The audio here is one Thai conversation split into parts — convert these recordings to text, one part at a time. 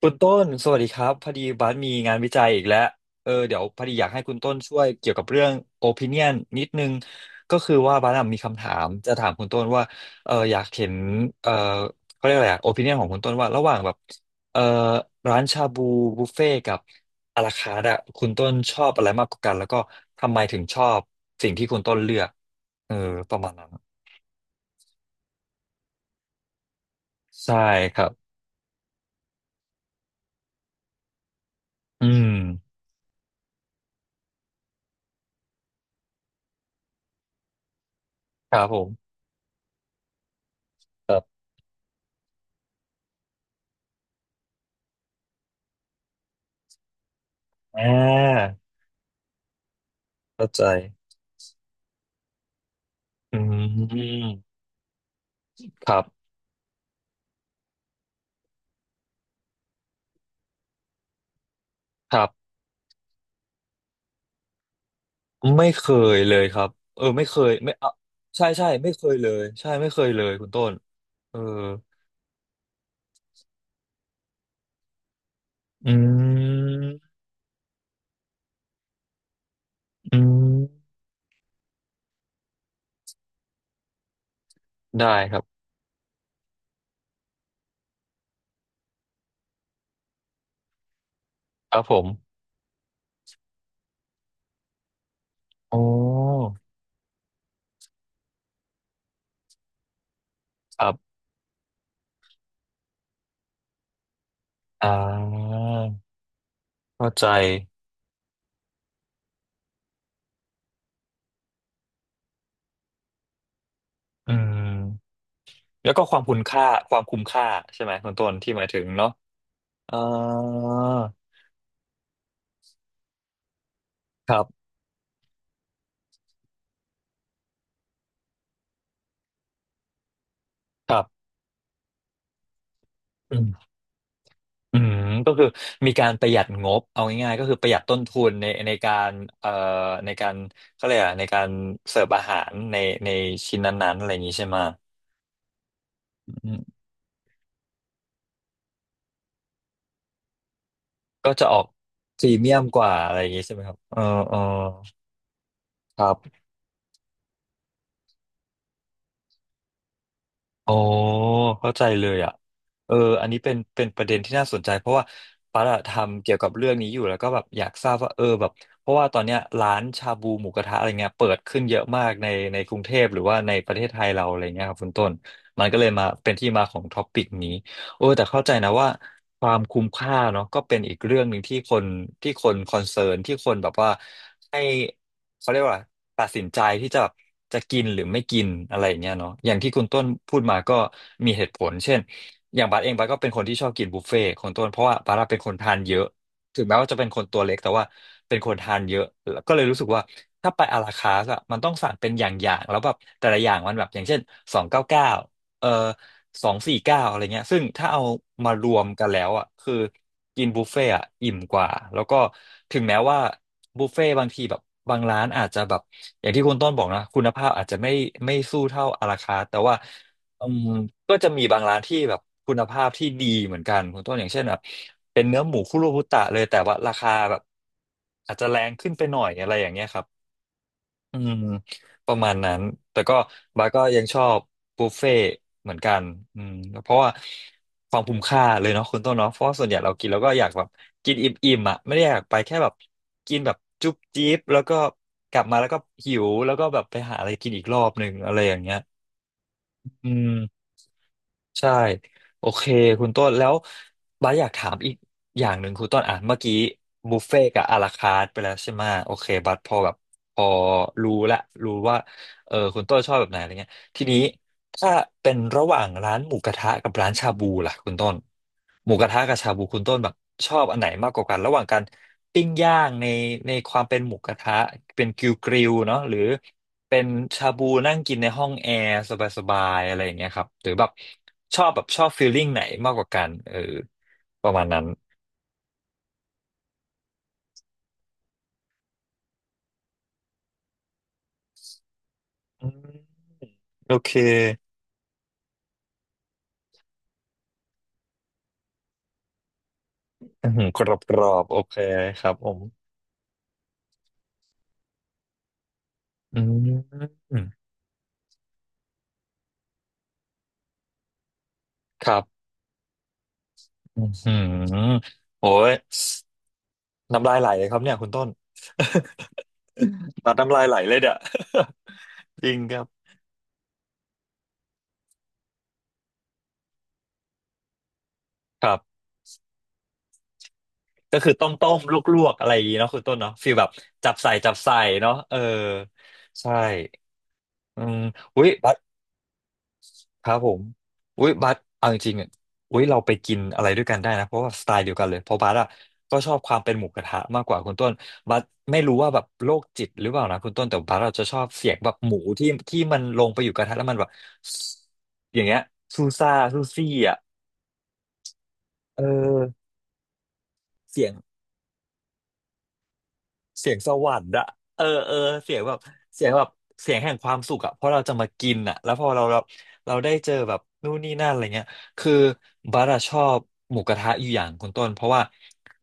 คุณต้นสวัสดีครับพอดีบัสมีงานวิจัยอีกแล้วเออเดี๋ยวพอดีอยากให้คุณต้นช่วยเกี่ยวกับเรื่อง opinion นิดนึงก็คือว่าบัสอะมีคำถามจะถามคุณต้นว่าเอออยากเห็นเออเขาเรียกอะไรอะ opinion ของคุณต้นว่าระหว่างแบบเออร้านชาบูบุฟเฟ่กับอาราคาร์ทอะคุณต้นชอบอะไรมากกว่ากันแล้วก็ทำไมถึงชอบสิ่งที่คุณต้นเลือกเออประมาณนั้นใช่ครับอืมครับผมอ่าเข้าใจอืม ครับครับไม่เคยเลยครับเออไม่เคยไม่ใช่ใช่ไม่เคยเลยใช่ไม่เคยเลยคุณต้นเอออืมอืมได้ครับครับผมอ๋อครับอ่าเข้าใจอืมแล้วก็ความคุณค่าความคุ้มค่าใช่ไหมคุณต้นที่หมายถึงเนาะอ่าครับครับ อืมก็คือมีการประหยัดงบเอาง่ายๆก็คือประหยัดต้นทุนในการเอ่อในการเขาเรียกอะไรในการเสิร์ฟอาหารในชิ้นนั้นๆอะไรอย่างนี้ใช่ไหมอืมก็จะออกพรีเมียมกว่าอะไรอย่างนี้ใช่ไหมครับเออเออครับ อ๋อเข้าใจเลยอ่ะเอออันนี้เป็นประเด็นที่น่าสนใจเพราะว่าปั๊ดทำเกี่ยวกับเรื่องนี้อยู่แล้วก็แบบอยากทราบว่าเออแบบเพราะว่าตอนเนี้ยร้านชาบูหมูกระทะอะไรเงี้ยเปิดขึ้นเยอะมากในกรุงเทพหรือว่าในประเทศไทยเราอะไรเงี้ยครับคุณต้นมันก็เลยมาเป็นที่มาของท็อปปิกนี้โอ้แต่เข้าใจนะว่าความคุ้มค่าเนาะก็เป็นอีกเรื่องหนึ่งที่คนคอนเซิร์นที่คนแบบว่าให้ เขาเรียกว่าอะไรตัดสินใจที่จะแบบจะกินหรือไม่กินอะไรอย่างเงี้ยเนาะอย่างที่คุณต้นพูดมาก็มีเหตุผลเช่นอย่างบัสเองบัสก็เป็นคนที่ชอบกินบุฟเฟ่ต์คนต้นเพราะว่าบัสอะเป็นคนทานเยอะถึงแม้ว่าจะเป็นคนตัวเล็กแต่ว่าเป็นคนทานเยอะแล้วก็เลยรู้สึกว่าถ้าไปอาราคาสอะมันต้องสั่งเป็นอย่างๆแล้วแบบแต่ละอย่างมันแบบอย่างเช่น299เอ่อ249อะไรเงี้ยซึ่งถ้าเอามารวมกันแล้วอะคือ กินบุฟเฟ่อะอิ่มกว่าแล้วก็ถึงแม้ว่าบุฟเฟ่บางทีแบบบางร้านอาจจะแบบอย่างที่คุณต้นบอกนะคุณภาพอาจจะไม่ไม่สู้เท่าอาราคาร์ทแต่ว่าอืมก็จะมีบางร้านที่แบบคุณภาพที่ดีเหมือนกันคุณต้นอย่างเช่นแบบเป็นเนื้อหมูคุโรบุตะเลยแต่ว่าราคาแบบอาจจะแรงขึ้นไปหน่อยอะไรอย่างเงี้ยครับ อืมประมาณนั้นแต่ก็บาร์ก็ยังชอบบุฟเฟ่ต์เหมือนกันอืมเพราะว่าความคุ้มค่าเลยเนาะคุณต้นเนาะเพราะว่าส่วนใหญ่เรากินแล้วก็อยากแบบกินอิ่มๆอ่ะไม่ได้อยากไปแค่แบบกินแบบจุ๊บจิ๊บแล้วก็กลับมาแล้วก็หิวแล้วก็แบบไปหาอะไรกินอีกรอบหนึ่งอะไรอย่างเงี้ยอืม ใช่โอเคคุณต้นแล้วบาสอยากถามอีกอย่างหนึ่งคุณต้นอ่ะเมื่อกี้บุฟเฟ่ต์กับอาราคาร์ทไปแล้วใช่ไหมโอเคบาสพอแบบพอรู้ละรู้ว่าเออคุณต้นชอบแบบไหนอะไรเงี้ยทีนี้ถ้าเป็นระหว่างร้านหมูกระทะกับร้านชาบูล่ะคุณต้นหมูกระทะกับชาบูคุณต้นแบบชอบอันไหนมากกว่ากันระหว่างการปิ้งย่างในความเป็นหมูกระทะเป็นกริลเนาะหรือ เป็นชาบูนั่งกินในห้องแอร์สบายๆอะไรอย่างเงี้ยครับหรือแบบชอบฟีลลิ่งไหนมากกว่ากันเออประมาณนั้นอืมโอเคอืมกรอบโอเคครับผมอืมครับอืมโอ้ยน้ำลายไหลเลยครับเนี่ยคุณต้น ตัดน้ำลายไหลเลยเด้อ จริงครับครับก็คือต้มลวกๆอะไรอย่างงี้เนาะคุณต้นเนาะฟีลแบบจับใส่เนาะเออใช่ อืมอุ้ยบัสครับผมอุ้ยบัสเอาจริงๆอ่ะอุ้ยเราไปกินอะไรด้วยกันได้นะเพราะว่าสไตล์เดียวกันเลยเพราะบัสอ่ะก็ชอบความเป็นหมูกระทะมากกว่าคุณต้นบัสไม่รู้ว่าแบบโรคจิตหรือเปล่านะคุณต้นแต่บัสเราจะชอบเสียงแบบหมูที่มันลงไปอยู่กระทะแล้วมันแบบอย่างเงี้ยซูซ่าซูซี่อ่ะเออเสียง เสียงสวรรค์อะเออเออเสียงแบบเสียงแบบเสียงแห่งความสุขอะเพราะเราจะมากินอะแล้วพอเราได้เจอแบบนู่นนี่นั่นอะไรเงี้ยคือบัสอะชอบหมูกระทะอยู่อย่างคุณต้นเพราะว่า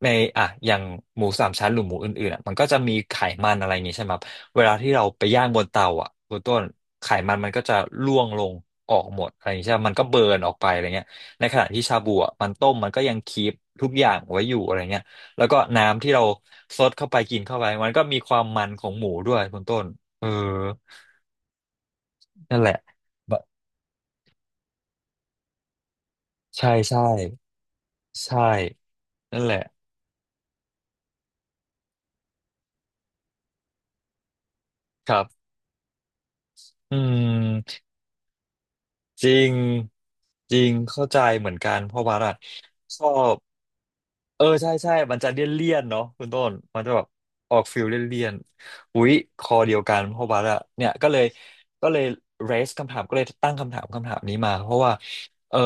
ในอะอย่างหมูสามชั้นหรือหมูอื่นๆอะมันก็จะมีไขมันอะไรอย่างงี้ใช่ไหมครับเวลาที่เราไปย่างบนเตาอะคุณต้นไขมันมันก็จะร่วงลงออกหมดอะไรอย่างงี้ใช่ไหมมันก็เบิร์นออกไปอะไรเงี้ยในขณะที่ชาบูอะมันต้มมันก็ยังคีปทุกอย่างไว้อยู่อะไรเงี้ย แล้วก็น้ำที่เราซดเข้าไปกินเข้าไปมันก็มีความมันของหมูด้วยคุณต้นเออนั่นแหละบะใช่ใช่ใช่นั่นแหละครับอืมจริงจริงเข้าใจเหมือนกันเพราะว่าอะชอบเออใช่ใช่มันจะเลี่ยนเลี่ยนเนาะคุณต้นมันจะแบบออกฟิลเลี่ยนเลี่ยนอุ๊ยคอเดียวกันเพราะว่าอะเนี่ยก็เลยเรสคำถามก็เลยตั้งคำถามคำถามนี้มาเพราะว่า เออ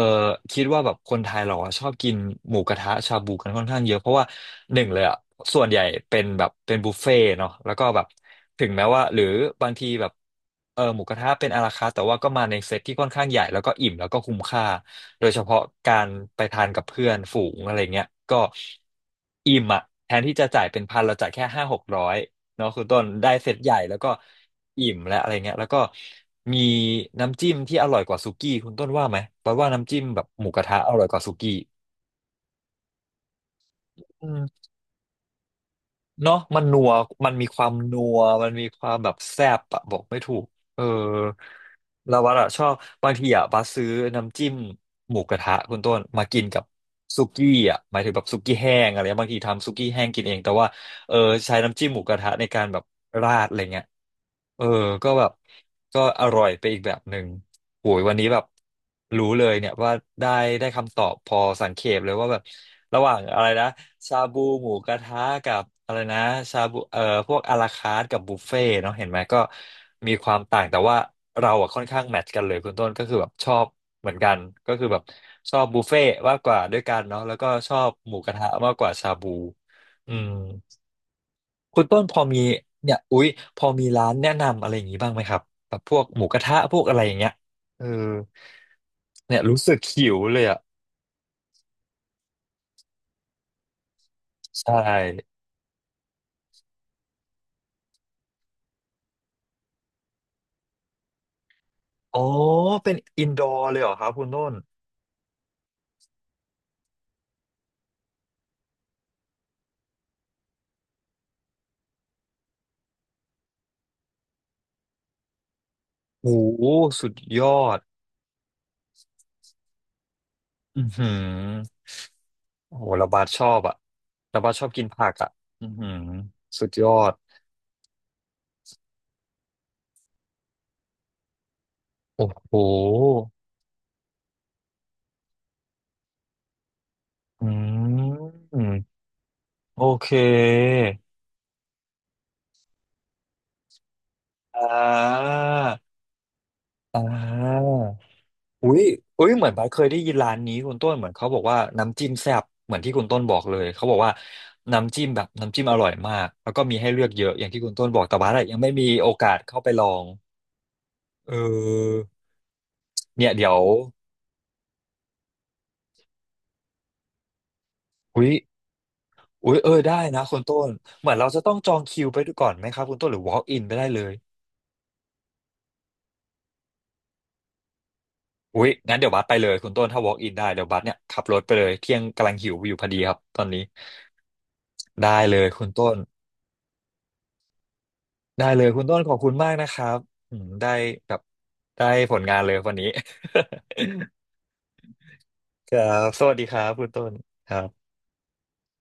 คิดว่าแบบคนไทยเราอะชอบกินหมูกระทะชาบูกันค่อนข้างเยอะเพราะว่าหนึ่งเลยอ่ะส่วนใหญ่เป็นบุฟเฟ่ต์เนาะแล้วก็แบบถึงแม้ว่าหรือบางทีแบบเออหมูกระทะเป็นอาราคาร์ทแต่ว่าก็มาในเซตที่ค่อนข้างใหญ่แล้วก็อิ่มแล้วก็คุ้มค่าโดยเฉพาะการไปทานกับเพื่อนฝูงอะไรเงี้ยก็อิ่มอ่ะแทนที่จะจ่ายเป็นพันเราจ่ายแค่ห้าหกร้อย เนาะคุณต้นได้เซตใหญ่แล้วก็อิ่มและอะไรเงี้ยแล้วก็มีน้ำจิ้มที่อร่อยกว่าสุกี้คุณต้นว่าไหมเพราะว่าน้ำจิ้มแบบหมูกระทะอร่อยกว่าสุกี้อืมเนาะมันนัวมันมีความนัวมันมีความแบบแซ่บอะบอกไม่ถูกเออเราว่าอะชอบบางทีอะบัสซื้อน้ำจิ้มหมูกระทะคุณต้นมากินกับสุกี้อะหมายถึงแบบสุกี้แห้งอะไรเงี้ยบางทีทำสุกี้แห้งกินเองแต่ว่า เออใช้น้ำจิ้มหมูกระทะในการแบบราดอะไรเงี้ยเออก็แบบก็อร่อยไปอีกแบบหนึ่งโหยวันนี้แบบรู้เลยเนี่ยว่าได้ได้คำตอบพอสังเขปเลยว่าแบบระหว่างอะไรนะชาบูหมูกระทะกับอะไรนะชาบูพวกอาราคาร์ทกับบุฟเฟ่ต์เนาะเห็นไหมก็มีความต่างแต่ว่าเราอะค่อนข้างแมทช์กันเลยคุณต้นก็คือแบบชอบเหมือนกันก็คือแบบชอบบุฟเฟ่ต์มากกว่าด้วยกันเนาะแล้วก็ชอบหมูกระทะมากกว่าชาบูอืม คุณต้นพอมีเนี่ยอุ๊ยพอมีร้านแนะนำอะไรอย่างนี้บ้างไหมครับแบบพวกหมูกระทะพวกอะไรอย่างเงี้ยเออเนี่ยรู้สึกหิวเลยอ่ะใช่อ๋อเป็นอินดอร์เลยเหรอครับคุณต้นโอ้โหสุดยอดอือหือโอ้โหระบาดชอบอ่ะระบาดชอบกินผักอ่ะอือหือสุดยอดโอ้โหอืมโอเคอ่าอ่า อุ้ยอุ้ยเหมือนบาสเคยได้ยินร้านนี้คุณต้นเหมือนเขาบอกว่าน้ำจิ้มแซ่บเหมือนที่คุณต้นบอกเลยเขาบอกว่าน้ำจิ้มแบบน้ำจิ้มอร่อยมากแล้วก็มีให้เลือกเยอะอย่างที่คุณต้นบอกแต่บาสอะยังไม่มีโอกาสเข้าไปลองเออเนี่ยเดี๋ยวอุ้ยอุ้ยเออได้นะคุณต้นเหมือนเราจะต้องจองคิวไปก่อนไหมครับคุณต้นหรือ walk in ไปได้เลยอุ้ยงั้นเดี๋ยวบัสไปเลยคุณต้นถ้า walk in ได้เดี๋ยวบัสเนี่ยขับรถไปเลยเที่ยงกำลังหิวอยู่พอดีครับตอนนี้ได้เลยคุณต้น ได้เลยคุณต้นขอบคุณมากนะครับอืมได้แบบได้ผลงานเลยวันนี้ ครับสวัสดีครับคุณต้นครับ